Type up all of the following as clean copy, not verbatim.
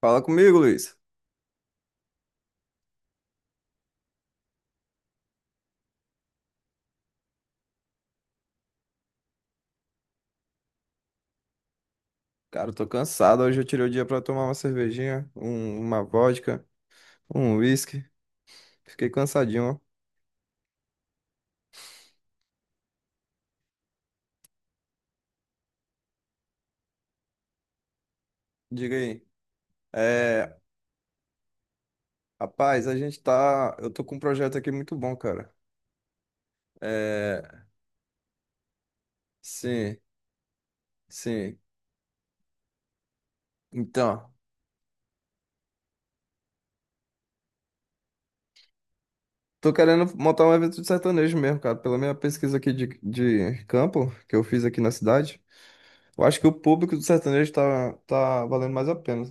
Fala comigo, Luiz. Cara, eu tô cansado. Hoje eu tirei o dia pra tomar uma cervejinha, uma vodka, um whisky. Fiquei cansadinho, ó. Diga aí. É, rapaz, a gente tá. Eu tô com um projeto aqui muito bom, cara. É, sim, sim. Então, tô querendo montar um evento de sertanejo mesmo, cara. Pela minha pesquisa aqui de campo, que eu fiz aqui na cidade, eu acho que o público do sertanejo tá valendo mais a pena.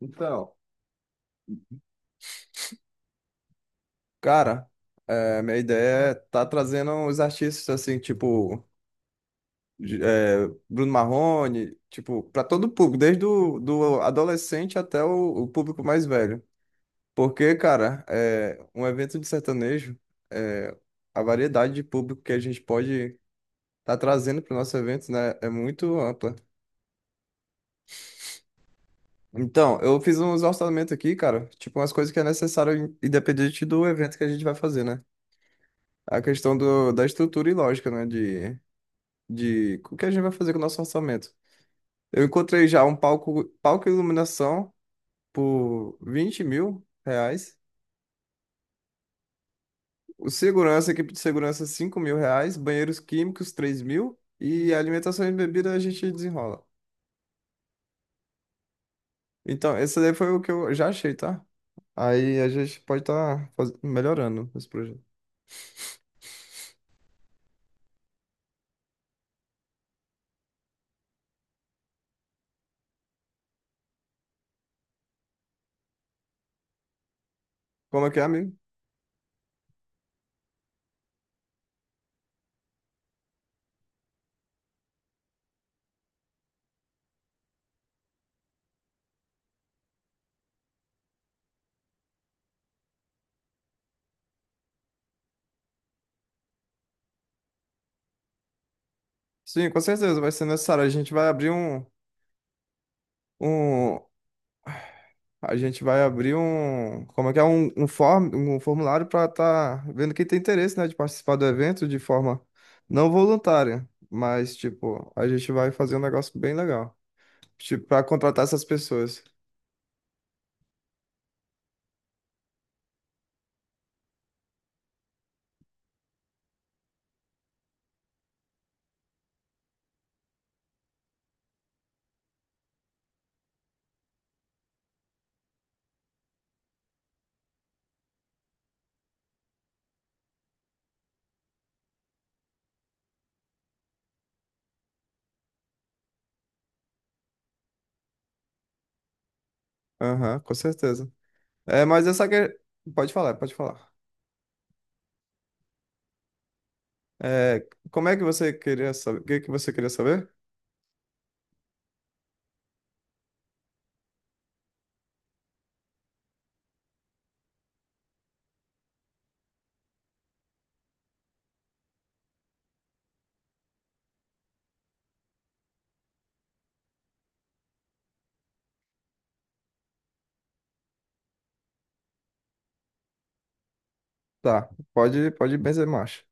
Então. Cara, é, minha ideia é tá trazendo os artistas assim, tipo Bruno Marrone, tipo, para todo o público, desde o do adolescente até o público mais velho. Porque, cara, é, um evento de sertanejo, é, a variedade de público que a gente pode tá trazendo pro nosso evento, né, é muito ampla. Então, eu fiz uns orçamentos aqui, cara, tipo umas coisas que é necessário independente do evento que a gente vai fazer, né? A questão da estrutura e lógica, né, de o que a gente vai fazer com o nosso orçamento. Eu encontrei já um palco, palco e iluminação por 20 mil reais. O segurança, equipe de segurança, 5 mil reais. Banheiros químicos, 3 mil. E alimentação e bebida a gente desenrola. Então, esse daí foi o que eu já achei, tá? Aí a gente pode estar melhorando esse projeto. Como é que é, amigo? Sim, com certeza vai ser necessário. Um, A gente vai abrir um, como é que é, um formulário para estar vendo quem tem interesse, né, de participar do evento de forma não voluntária, mas, tipo, a gente vai fazer um negócio bem legal, tipo, para contratar essas pessoas. Aham, com certeza. É, mas essa que... Pode falar, pode falar. É, como é que você queria saber? O que que você queria saber? Tá, pode, pode benzer marcha.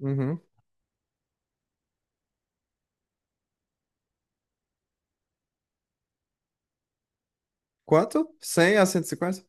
Uhum. Quanto? 100 a 150?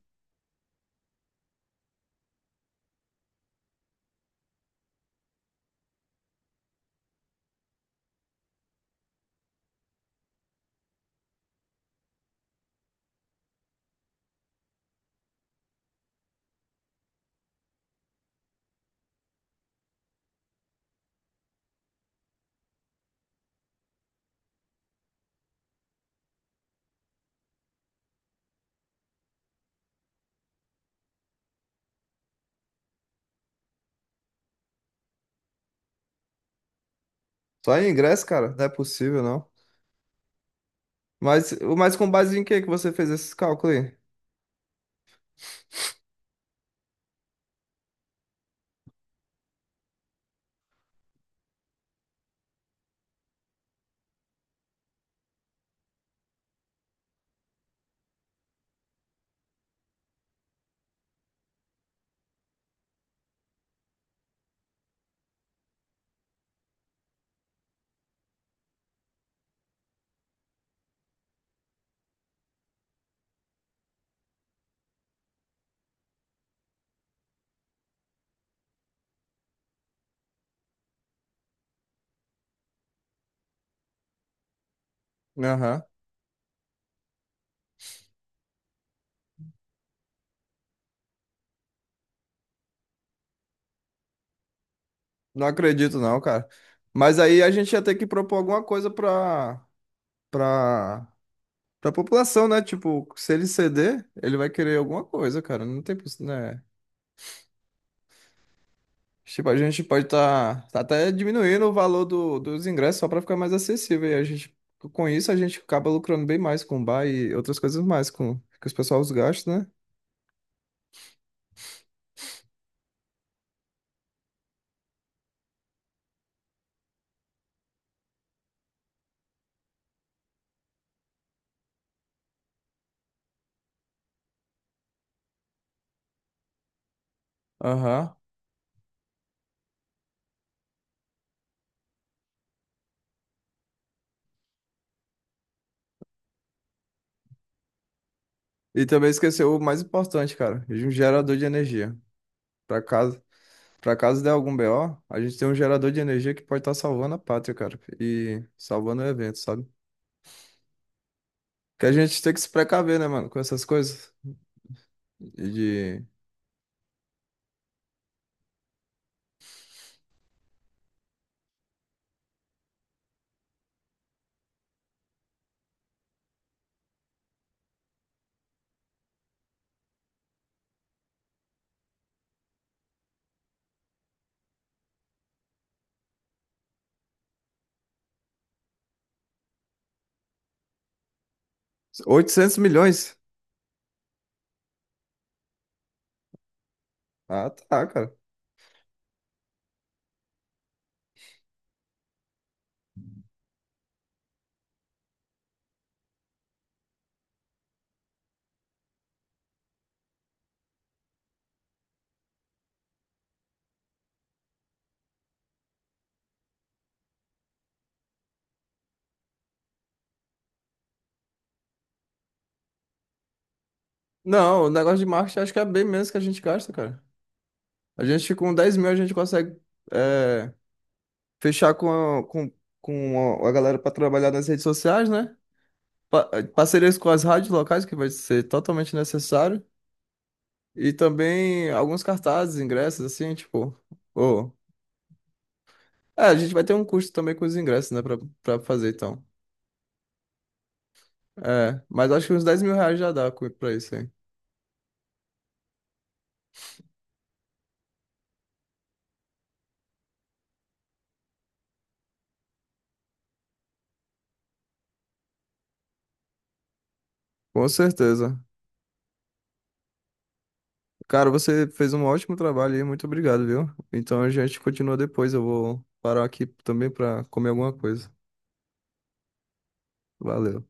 Só em ingresso, cara? Não é possível, não. Mas, com base em que você fez esses cálculos aí? Aham. Não acredito, não, cara. Mas aí a gente ia ter que propor alguma coisa pra, pra população, né? Tipo, se ele ceder, ele vai querer alguma coisa, cara. Não tem, poss- né? Tipo, a gente pode estar até diminuindo o valor dos ingressos só pra ficar mais acessível. E a gente, com isso, a gente acaba lucrando bem mais com o bar e outras coisas mais com que os pessoal os gastos né? Aham. E também esqueceu o mais importante, cara, de um gerador de energia. Pra caso, pra caso der algum BO, a gente tem um gerador de energia que pode estar salvando a pátria, cara, e salvando o evento, sabe? Que a gente tem que se precaver, né, mano, com essas coisas. De 800 milhões. Ah, tá, cara. Não, o negócio de marketing acho que é bem menos que a gente gasta, cara. A gente com 10 mil a gente consegue é, fechar a- com, com a galera pra trabalhar nas redes sociais, né? Parcerias com as rádios locais, que vai ser totalmente necessário. E também alguns cartazes, ingressos, assim, tipo. Ô. É, a gente vai ter um custo também com os ingressos, né, pra, pra fazer, então. É, mas acho que uns 10 mil reais já dá pra isso aí. Com certeza. Cara, você fez um ótimo trabalho aí, muito obrigado, viu? Então a gente continua depois. Eu vou parar aqui também pra comer alguma coisa. Valeu.